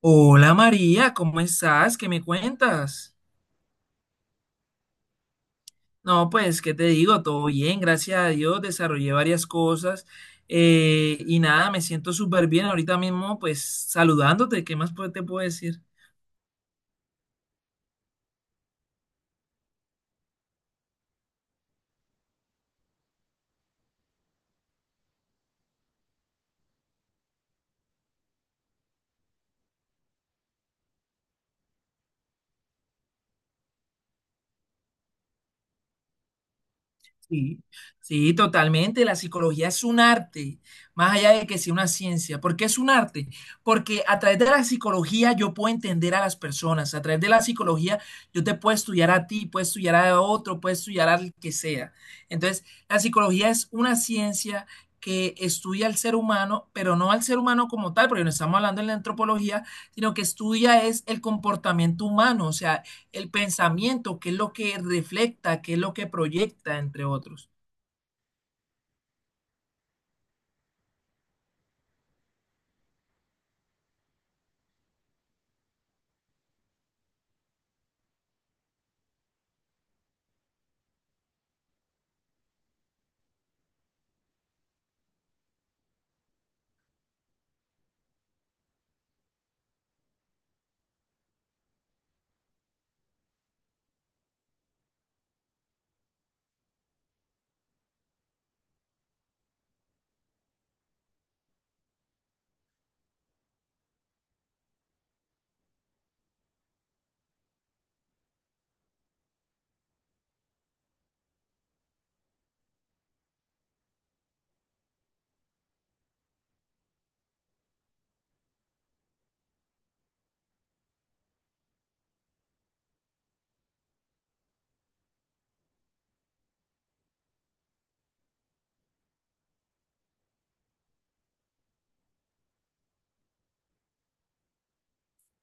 Hola María, ¿cómo estás? ¿Qué me cuentas? No, pues, ¿qué te digo? Todo bien, gracias a Dios, desarrollé varias cosas y nada, me siento súper bien ahorita mismo, pues, saludándote, ¿qué más te puedo decir? Sí, sí, totalmente. La psicología es un arte, más allá de que sea una ciencia. ¿Por qué es un arte? Porque a través de la psicología yo puedo entender a las personas. A través de la psicología yo te puedo estudiar a ti, puedo estudiar a otro, puedo estudiar al que sea. Entonces, la psicología es una ciencia que estudia al ser humano, pero no al ser humano como tal, porque no estamos hablando en la antropología, sino que estudia es el comportamiento humano, o sea, el pensamiento, que es lo que refleja, que es lo que proyecta, entre otros.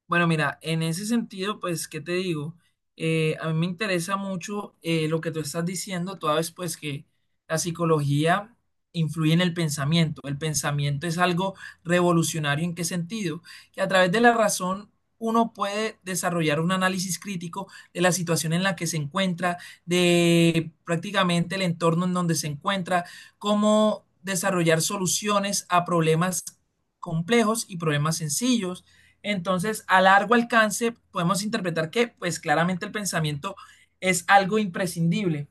Bueno, mira, en ese sentido, pues, ¿qué te digo? A mí me interesa mucho lo que tú estás diciendo, toda vez pues que la psicología influye en el pensamiento. El pensamiento es algo revolucionario. ¿En qué sentido? Que a través de la razón uno puede desarrollar un análisis crítico de la situación en la que se encuentra, de prácticamente el entorno en donde se encuentra, cómo desarrollar soluciones a problemas complejos y problemas sencillos. Entonces, a largo alcance podemos interpretar que, pues claramente el pensamiento es algo imprescindible.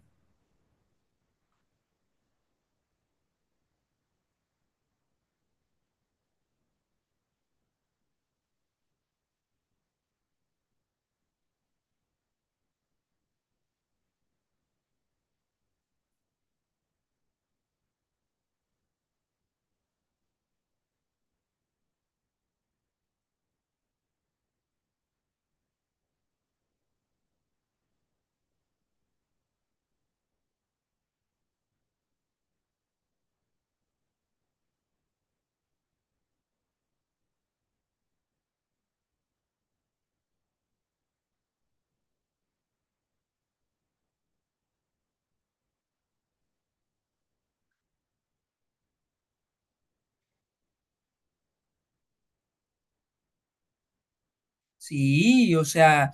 Sí, o sea,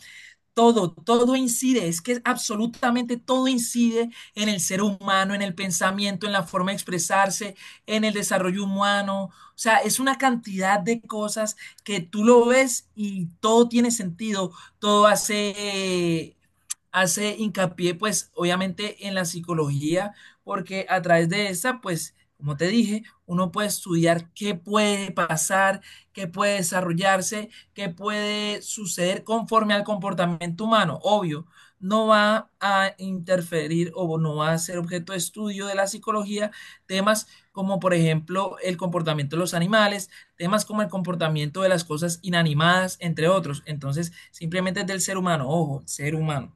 todo incide, es que absolutamente todo incide en el ser humano, en el pensamiento, en la forma de expresarse, en el desarrollo humano. O sea, es una cantidad de cosas que tú lo ves y todo tiene sentido, todo hace hincapié, pues, obviamente en la psicología, porque a través de esa, pues, como te dije, uno puede estudiar qué puede pasar, qué puede desarrollarse, qué puede suceder conforme al comportamiento humano. Obvio, no va a interferir o no va a ser objeto de estudio de la psicología temas como, por ejemplo, el comportamiento de los animales, temas como el comportamiento de las cosas inanimadas, entre otros. Entonces, simplemente es del ser humano, ojo, ser humano.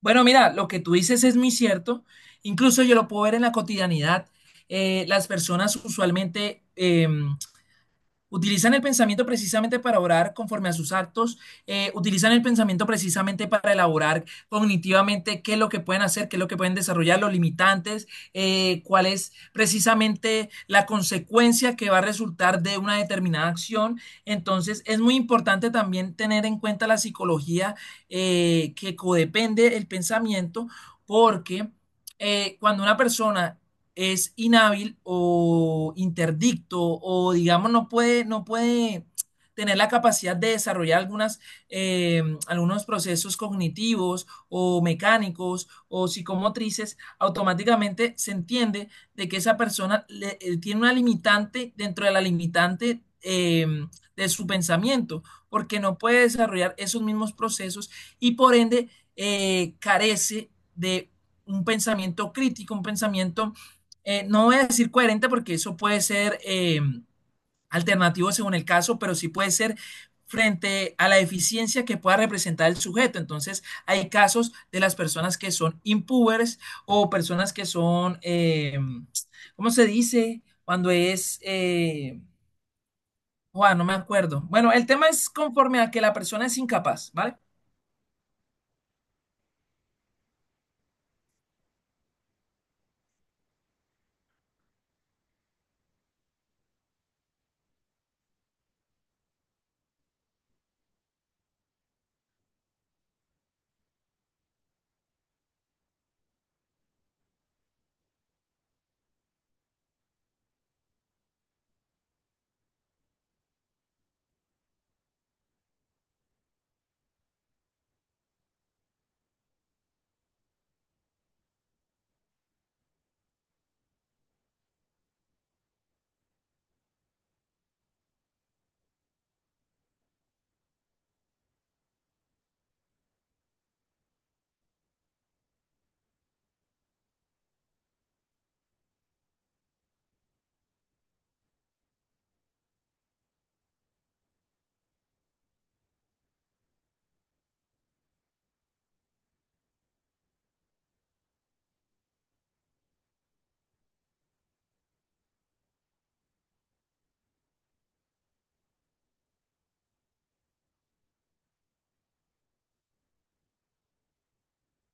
Bueno, mira, lo que tú dices es muy cierto. Incluso yo lo puedo ver en la cotidianidad. Las personas usualmente utilizan el pensamiento precisamente para orar conforme a sus actos, utilizan el pensamiento precisamente para elaborar cognitivamente qué es lo que pueden hacer, qué es lo que pueden desarrollar, los limitantes, cuál es precisamente la consecuencia que va a resultar de una determinada acción. Entonces, es muy importante también tener en cuenta la psicología, que codepende el pensamiento, porque cuando una persona es inhábil o interdicto o digamos no puede tener la capacidad de desarrollar algunas, algunos procesos cognitivos o mecánicos o psicomotrices, automáticamente se entiende de que esa persona tiene una limitante dentro de la limitante de su pensamiento, porque no puede desarrollar esos mismos procesos, y por ende carece de un pensamiento crítico, un pensamiento no voy a decir coherente porque eso puede ser alternativo según el caso, pero sí puede ser frente a la eficiencia que pueda representar el sujeto. Entonces, hay casos de las personas que son impubers o personas que son, ¿cómo se dice? Cuando es, Juan, no me acuerdo. Bueno, el tema es conforme a que la persona es incapaz, ¿vale?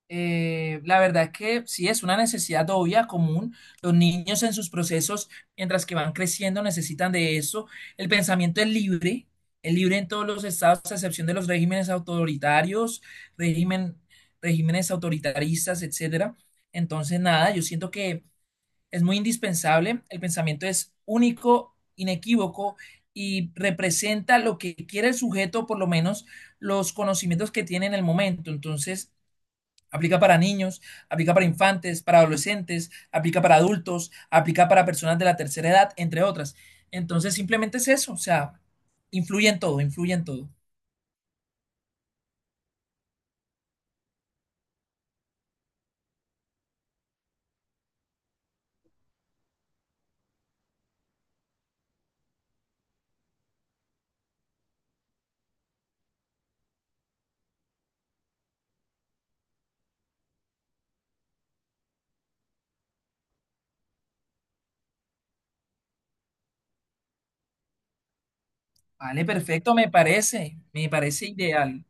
La verdad es que sí es una necesidad obvia, común. Los niños en sus procesos, mientras que van creciendo, necesitan de eso. El pensamiento es libre en todos los estados, a excepción de los regímenes autoritarios, régimen, regímenes autoritaristas, etcétera. Entonces, nada, yo siento que es muy indispensable. El pensamiento es único, inequívoco y representa lo que quiere el sujeto, por lo menos los conocimientos que tiene en el momento. Entonces, aplica para niños, aplica para infantes, para adolescentes, aplica para adultos, aplica para personas de la tercera edad, entre otras. Entonces, simplemente es eso, o sea, influye en todo, influye en todo. Vale, perfecto, me parece ideal.